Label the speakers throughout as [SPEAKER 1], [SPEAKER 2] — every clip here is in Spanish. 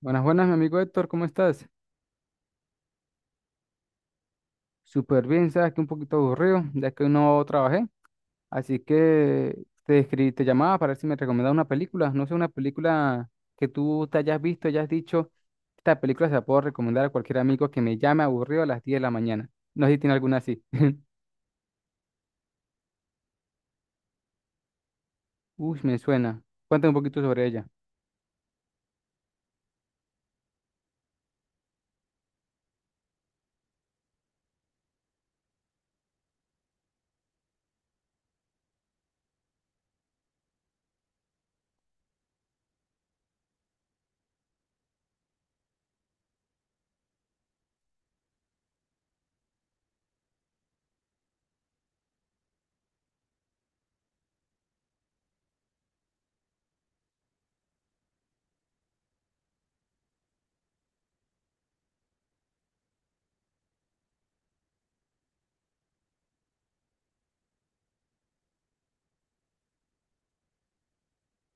[SPEAKER 1] Buenas, buenas, mi amigo Héctor, ¿cómo estás? Súper bien, sabes que un poquito aburrido, ya que hoy no trabajé, así que te escribí, te llamaba para ver si me recomendaba una película, no sé, una película que tú te hayas visto, hayas dicho, esta película se la puedo recomendar a cualquier amigo que me llame aburrido a las 10 de la mañana. No sé si tiene alguna así. Uy, me suena. Cuéntame un poquito sobre ella.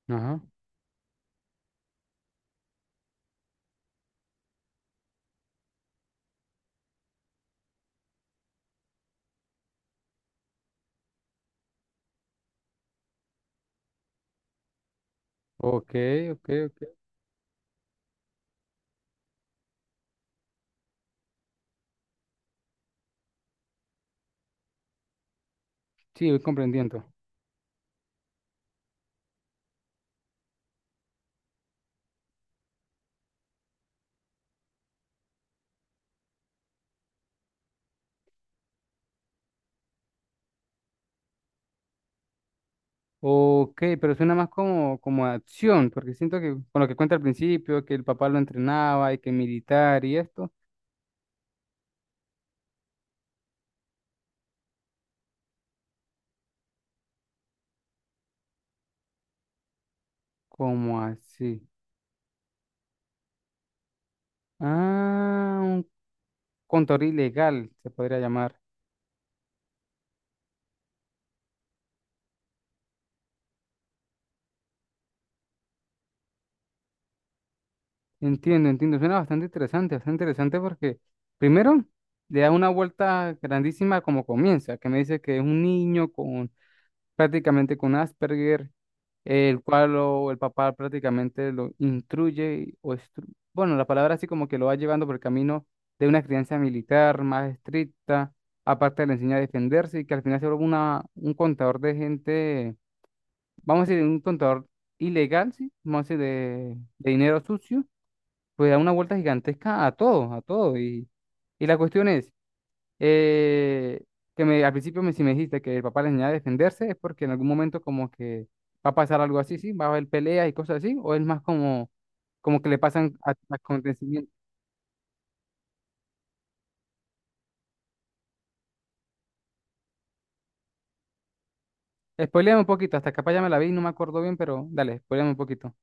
[SPEAKER 1] Ajá. Ok, ok, ok. Sí, voy comprendiendo. Ok, pero suena más como acción, porque siento que con lo que cuenta al principio, que el papá lo entrenaba y que militar y esto, ¿como así? Ah, un contador ilegal se podría llamar. Entiendo, entiendo. Suena bastante interesante porque primero le da una vuelta grandísima como comienza, que me dice que es un niño con prácticamente con Asperger el cual el papá prácticamente lo instruye, bueno, la palabra así como que lo va llevando por el camino de una crianza militar más estricta, aparte le enseña a defenderse y que al final se vuelve un contador de gente, vamos a decir, un contador ilegal, sí, vamos a decir, de dinero sucio, pues da una vuelta gigantesca a todo, a todo. Y la cuestión es eh, que al principio si me dijiste que el papá le enseñaba a defenderse, es porque en algún momento como que va a pasar algo así, ¿sí? Va a haber peleas y cosas así, o es más como que le pasan acontecimientos. Spoiléame un poquito, hasta capaz ya me la vi y no me acuerdo bien, pero dale, spoiléame un poquito.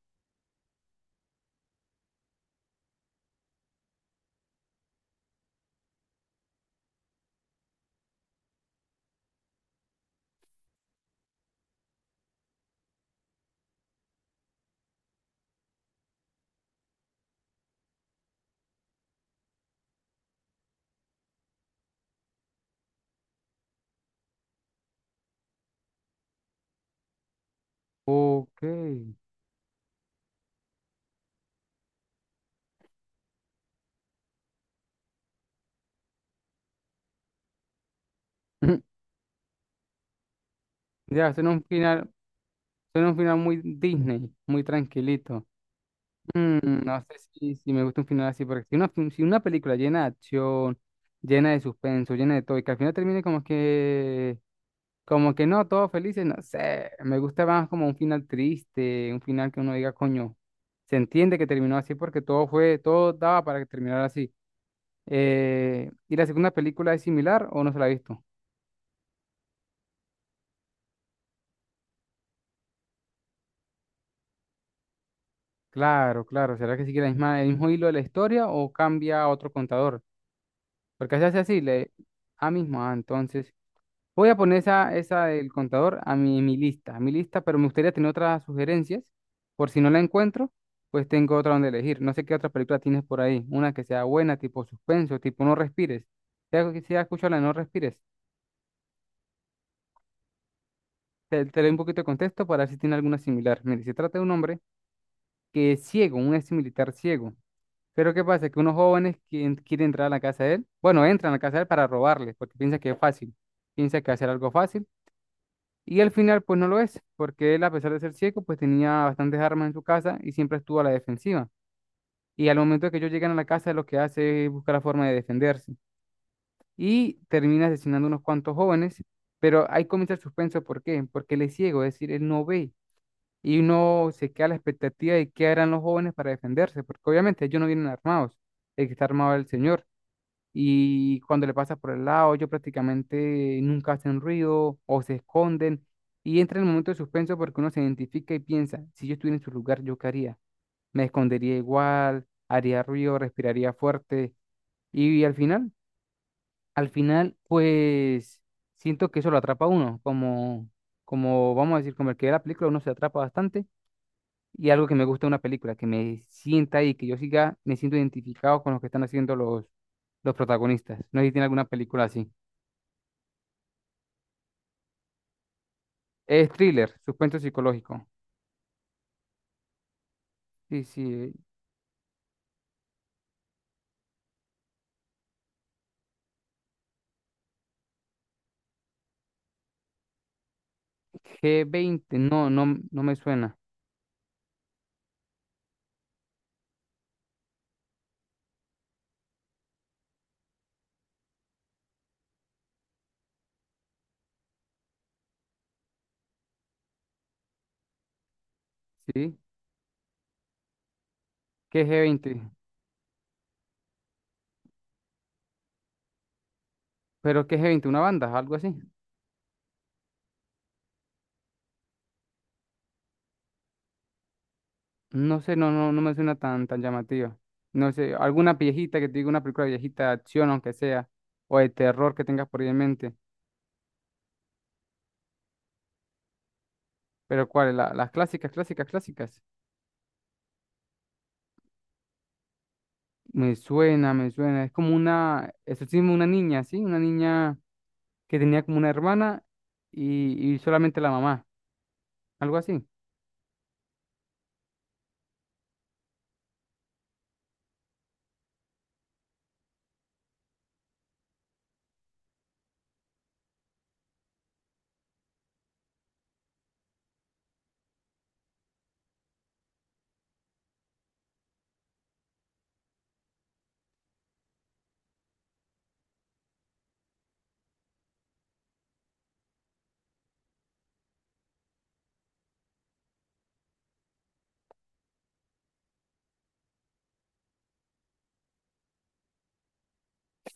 [SPEAKER 1] Ok. Ya, suena un final muy Disney, muy tranquilito. No sé si me gusta un final así, porque si una película llena de acción, llena de suspenso, llena de todo, y que al final termine como que no, todos felices, no sé. Me gusta más como un final triste, un final que uno diga, coño, se entiende que terminó así porque todo fue, todo daba para que terminara así. ¿Y la segunda película es similar o no se la ha visto? Claro, claro. ¿Será que sigue la misma, el mismo hilo de la historia o cambia a otro contador? Porque se hace así, le... Ah, mismo, ah, entonces. Voy a poner esa, del contador a mi lista, a mi lista, pero me gustaría tener otras sugerencias. Por si no la encuentro, pues tengo otra donde elegir. No sé qué otra película tienes por ahí. Una que sea buena, tipo suspenso, tipo No Respires. Si has escuchado la de No Respires, te doy un poquito de contexto para ver si tiene alguna similar. Mire, se trata de un hombre que es ciego, un ex militar ciego. Pero ¿qué pasa? Que unos jóvenes quieren entrar a la casa de él, bueno, entran a la casa de él para robarle, porque piensa que es fácil. Piensa que va a ser algo fácil. Y al final, pues no lo es, porque él, a pesar de ser ciego, pues tenía bastantes armas en su casa y siempre estuvo a la defensiva. Y al momento de que ellos llegan a la casa, lo que hace es buscar la forma de defenderse. Y termina asesinando unos cuantos jóvenes, pero ahí comienza el suspenso. ¿Por qué? Porque él es ciego, es decir, él no ve. Y uno se queda a la expectativa de qué harán los jóvenes para defenderse, porque obviamente ellos no vienen armados. El que está armado es el señor y cuando le pasa por el lado, ellos prácticamente nunca hacen ruido o se esconden y entra en el momento de suspenso porque uno se identifica y piensa, si yo estuviera en su lugar, ¿yo qué haría? Me escondería igual, haría ruido, respiraría fuerte y, al final, pues siento que eso lo atrapa a uno, como vamos a decir, como el que ve la película, uno se atrapa bastante. Y algo que me gusta de una película, que me sienta ahí, que yo siga, me siento identificado con lo que están haciendo los protagonistas. No sé si tiene alguna película así. Es thriller, suspenso psicológico. Sí, sí. G20 no, no, no me suena. ¿Sí? ¿Qué es G20? ¿Pero qué es G20, una banda? ¿Algo así? No sé, no, no, no me suena tan, tan llamativa. No sé, alguna viejita que te diga una película viejita de acción, aunque sea, o de terror que tengas por ahí en mente. Pero ¿cuál? Las clásicas, clásicas, clásicas. Me suena, me suena. Es como una, eso ¿sí? Una niña que tenía como una hermana y solamente la mamá. Algo así.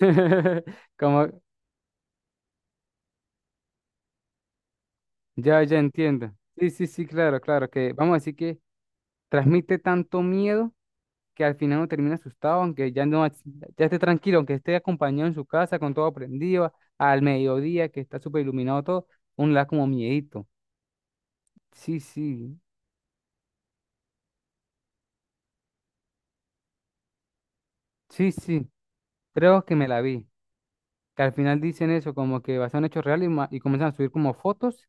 [SPEAKER 1] Como ya, ya entiendo. Sí, sí, sí, claro, claro, que vamos a decir que transmite tanto miedo que al final uno termina asustado, aunque ya no, ya esté tranquilo, aunque esté acompañado en su casa con todo prendido, al mediodía que está súper iluminado todo, uno le da como miedito. Sí, sí, sí, sí, creo que me la vi. Que al final dicen eso, como que basado en hechos reales y comienzan a subir como fotos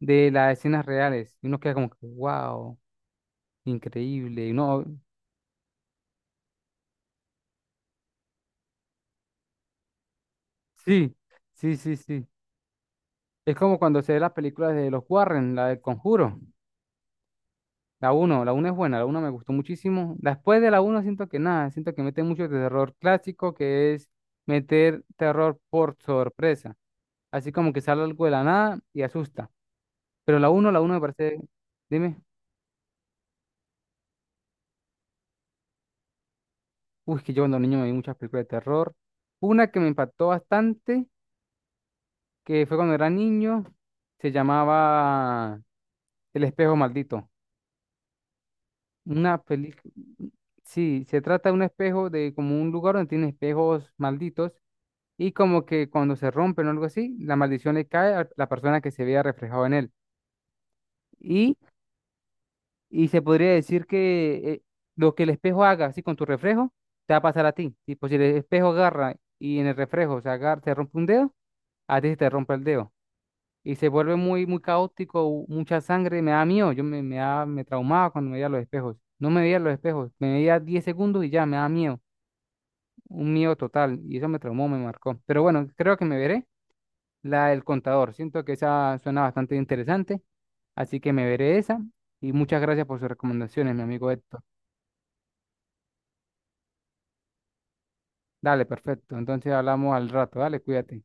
[SPEAKER 1] de las escenas reales. Y uno queda como que, wow, increíble. Y uno, sí. Sí, sí, sí. Es como cuando se ve las películas de los Warren, la del Conjuro. La uno es buena, la uno me gustó muchísimo. Después de la uno siento que nada, siento que mete mucho terror clásico, que es meter terror por sorpresa. Así como que sale algo de la nada y asusta. Pero la uno me parece, dime, uy, que yo cuando niño me vi muchas películas de terror. Una que me impactó bastante, que fue cuando era niño, se llamaba El espejo maldito. Una película. Sí, se trata de un espejo, de como un lugar donde tiene espejos malditos y como que cuando se rompen o algo así, la maldición le cae a la persona que se vea reflejado en él. Y, y se podría decir que lo que el espejo haga así con tu reflejo, te va a pasar a ti. Tipo, si el espejo agarra y en el reflejo se agarra, se rompe un dedo, a ti se te rompe el dedo. Y se vuelve muy, muy caótico, mucha sangre, me da miedo. Yo me traumaba cuando me veía los espejos. No me veía los espejos, me veía 10 segundos y ya me da miedo. Un miedo total y eso me traumó, me marcó. Pero bueno, creo que me veré la del contador. Siento que esa suena bastante interesante, así que me veré esa y muchas gracias por sus recomendaciones, mi amigo Héctor. Dale, perfecto. Entonces hablamos al rato, dale, cuídate.